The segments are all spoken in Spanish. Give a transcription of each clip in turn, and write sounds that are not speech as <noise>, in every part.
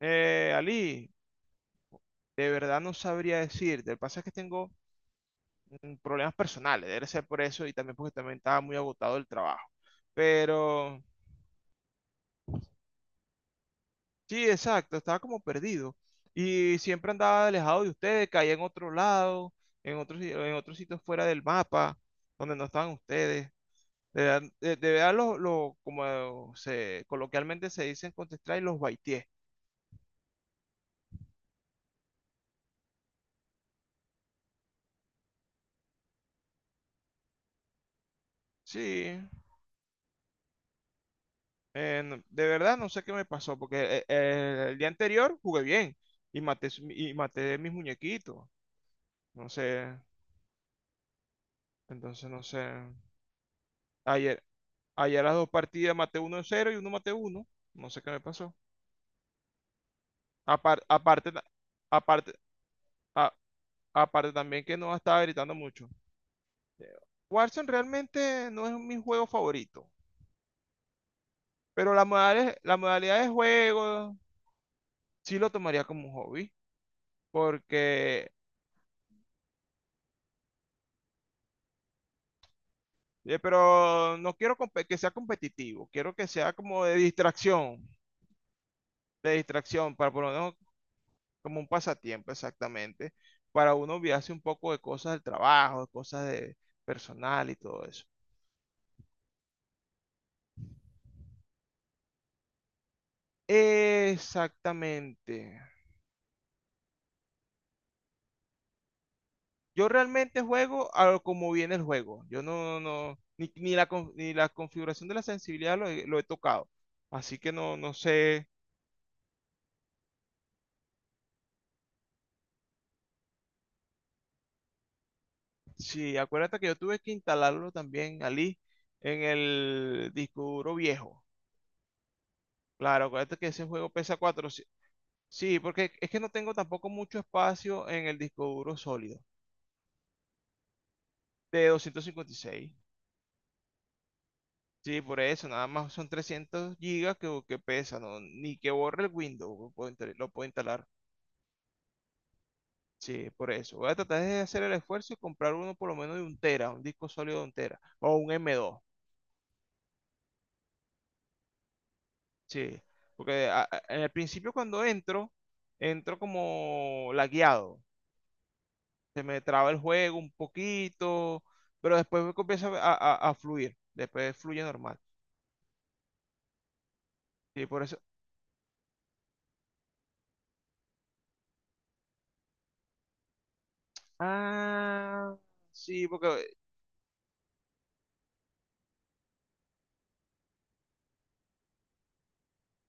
Ali, de verdad no sabría decirte. Lo que pasa es que tengo problemas personales, debe ser por eso y también porque también estaba muy agotado el trabajo. Pero sí, exacto, estaba como perdido y siempre andaba alejado de ustedes, caía en otro lado, en otros sitios fuera del mapa, donde no estaban ustedes. De verdad, de verdad, como se coloquialmente se dice en Counter-Strike, los baitié. Sí. De verdad, no sé qué me pasó, porque el día anterior jugué bien y maté mis muñequitos. No sé, entonces no sé. Ayer, ayer las dos partidas maté uno en cero y uno maté uno. No sé qué me pasó. Apar- aparte, ta- aparte, a- Aparte también que no estaba gritando mucho. Eh, Warzone realmente no es mi juego favorito, pero la modalidad de juego sí lo tomaría como un hobby, porque pero no quiero que sea competitivo, quiero que sea como de distracción, para por lo menos como un pasatiempo exactamente, para uno olvidarse un poco de cosas del trabajo, de cosas de personal y todo eso. Exactamente. Yo realmente juego a lo como viene el juego. Yo no, ni la configuración de la sensibilidad lo he tocado. Así que no sé. Sí, acuérdate que yo tuve que instalarlo también, Ali, en el disco duro viejo. Claro, acuérdate que ese juego pesa 400. Sí, porque es que no tengo tampoco mucho espacio en el disco duro sólido de 256. Sí, por eso, nada más son 300 gigas que pesa, ¿no? Ni que borre el Windows, lo puedo instalar. Sí, por eso. Voy a tratar de hacer el esfuerzo y comprar uno por lo menos de un tera, un disco sólido de un tera o un M2. Sí, porque en el principio cuando entro, entro como lagueado. Se me traba el juego un poquito, pero después me comienza a fluir. Después fluye normal. Sí, por eso. Ah, sí, porque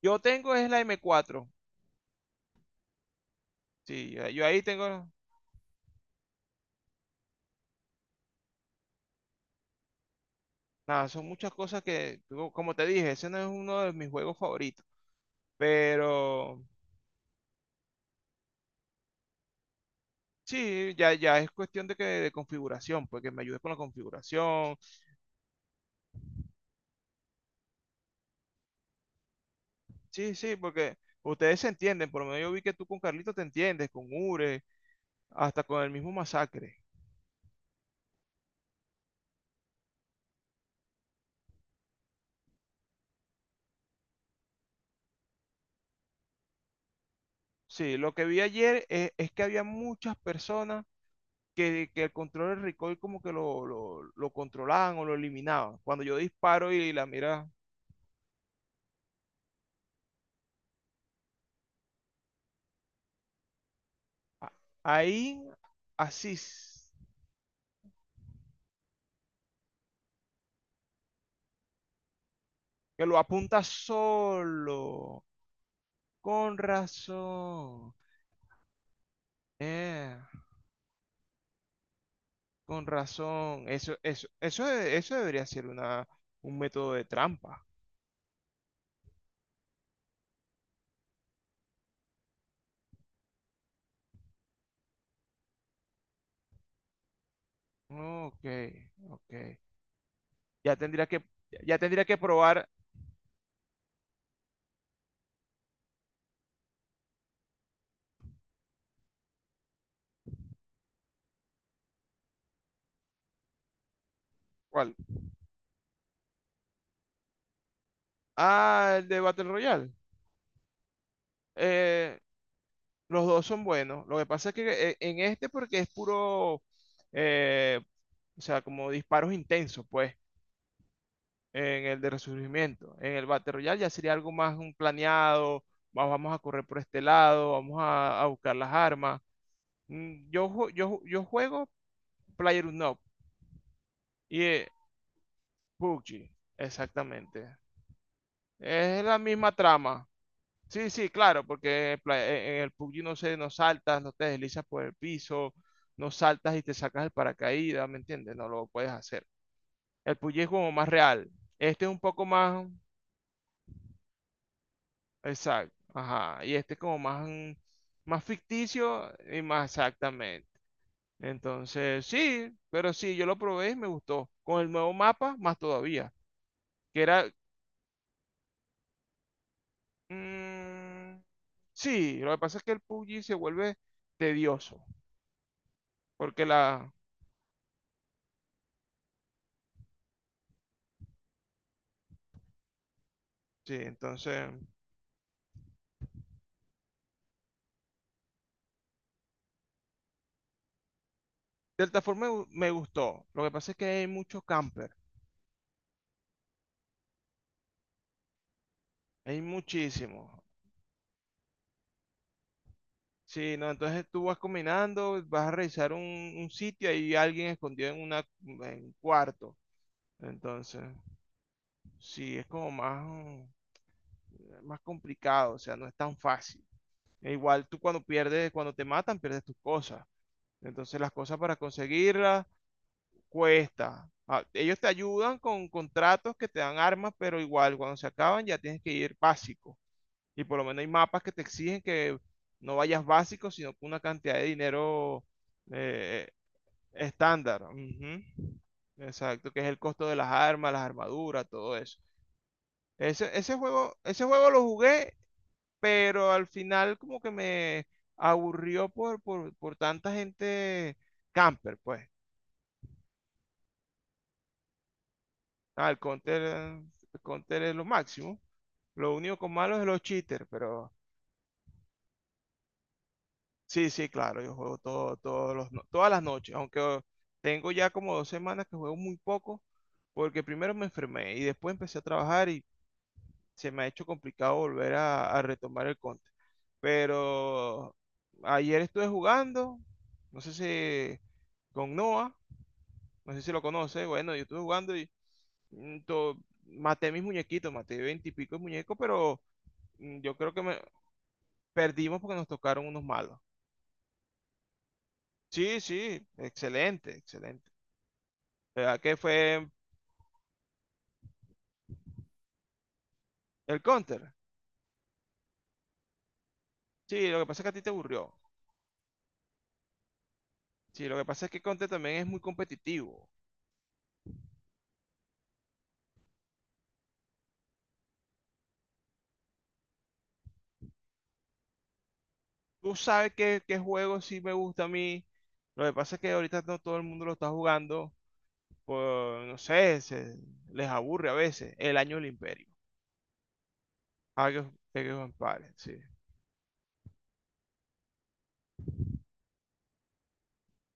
yo tengo es la M4. Sí, yo ahí tengo. Nada, son muchas cosas que, como te dije, ese no es uno de mis juegos favoritos. Pero sí, ya es cuestión de configuración, porque me ayudes con la configuración. Sí, sí, porque ustedes se entienden, por lo menos yo vi que tú con Carlito te entiendes, con Ure, hasta con el mismo Masacre. Sí, lo que vi ayer es que había muchas personas que el control del recoil como que lo controlaban o lo eliminaban. Cuando yo disparo y la mira a- ahí, así, s- que lo apunta solo, con razón, eh, con razón. Eso debería ser un método de trampa. Ok, ok. Ya tendría que, ya tendría que probar cuál. Ah, el de Battle Royale. Eh, los dos son buenos. Lo que pasa es que en este porque es puro, eh, o sea, como disparos intensos, pues, en el de resurgimiento. En el Battle Royale ya sería algo más un planeado. Vamos a correr por este lado, vamos a buscar las armas. Yo, yo juego PlayerUnknown y PUBG, exactamente. Es la misma trama. Sí, sí, claro, porque en el PUBG no sé, no saltas, no te deslizas por el piso, no saltas y te sacas el paracaídas, ¿me entiendes? No lo puedes hacer. El PUBG es como más real. Este es un poco más, exacto, ajá, y este es como más, más ficticio y más exactamente. Entonces, sí, pero sí, yo lo probé y me gustó. Con el nuevo mapa, más todavía, que era, mm, sí, lo que pasa es que el PUBG se vuelve tedioso, porque sí, entonces cierta forma me gustó. Lo que pasa es que hay muchos campers, hay muchísimos. Sí, no, entonces tú vas combinando, vas a revisar un sitio, hay alguien escondido en una en un cuarto. Entonces, sí, es como más, más complicado, o sea, no es tan fácil. E igual tú cuando pierdes, cuando te matan, pierdes tus cosas. Entonces las cosas para conseguirlas cuesta. Ah, ellos te ayudan con contratos que te dan armas, pero igual cuando se acaban ya tienes que ir básico. Y por lo menos hay mapas que te exigen que no vayas básico, sino con una cantidad de dinero eh, estándar. Ujú. Exacto, que es el costo de las armas, las armaduras, todo eso. Ese juego lo jugué, pero al final como que me aburrió por tanta gente camper, pues. Ah, el counter es lo máximo. Lo único con malo es los cheaters, pero. Sí, sí, claro, yo juego todo- todos los no- todas las noches, aunque tengo ya como 2 semanas que juego muy poco, porque primero me enfermé y después empecé a trabajar y se me ha hecho complicado volver a retomar el conte. Pero ayer estuve jugando, no sé si con Noah, no sé si lo conoce, bueno, yo estuve jugando y mm, to- maté mis muñequitos, maté veintipico de muñecos, pero yo creo que me perdimos porque nos tocaron unos malos. Sí, sí, excelente, excelente. ¿Verdad que fue el Counter? Sí, lo que pasa es que a ti te aburrió. Sí, lo que pasa es que Counter también es muy competitivo. Tú sabes qué, qué juego sí me gusta a mí. Lo que pasa es que ahorita no todo el mundo lo está jugando. Pues no sé, les aburre a veces. El año del Imperio. Ah, Age of Empires, sí.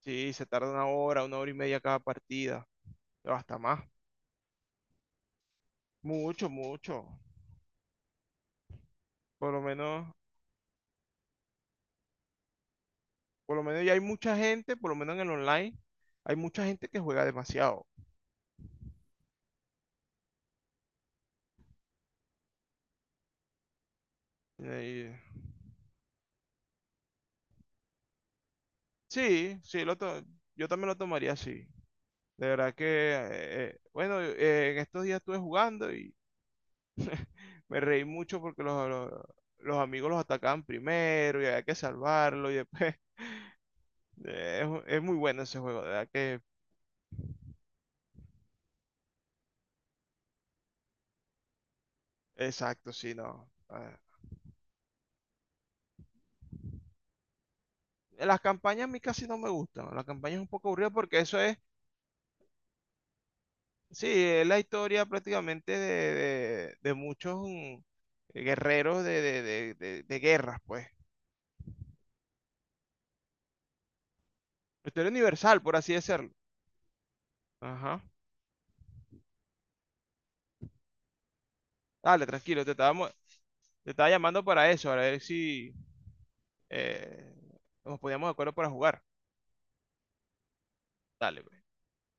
Sí, se tarda una hora y media cada partida, o hasta más. Mucho, mucho. Por lo menos. Por lo menos ya hay mucha gente, por lo menos en el online, hay mucha gente que juega demasiado. Eh, sí, sí, yo también lo tomaría así. De verdad que, bueno, en estos días estuve jugando y me reí mucho porque los amigos los atacaban primero y había que salvarlo y después. <laughs> eh, es muy bueno ese juego, de verdad que, exacto, sí, no. Ah, las campañas a mí casi no me gustan, las campañas es un poco aburridas porque eso es. Sí, es la historia prácticamente de, de muchos guerreros de, de guerras, pues. La historia universal, por así decirlo. Ajá. Dale, tranquilo, te estaba llamando para eso, para ver si eh, nos poníamos de acuerdo para jugar. Dale, pues.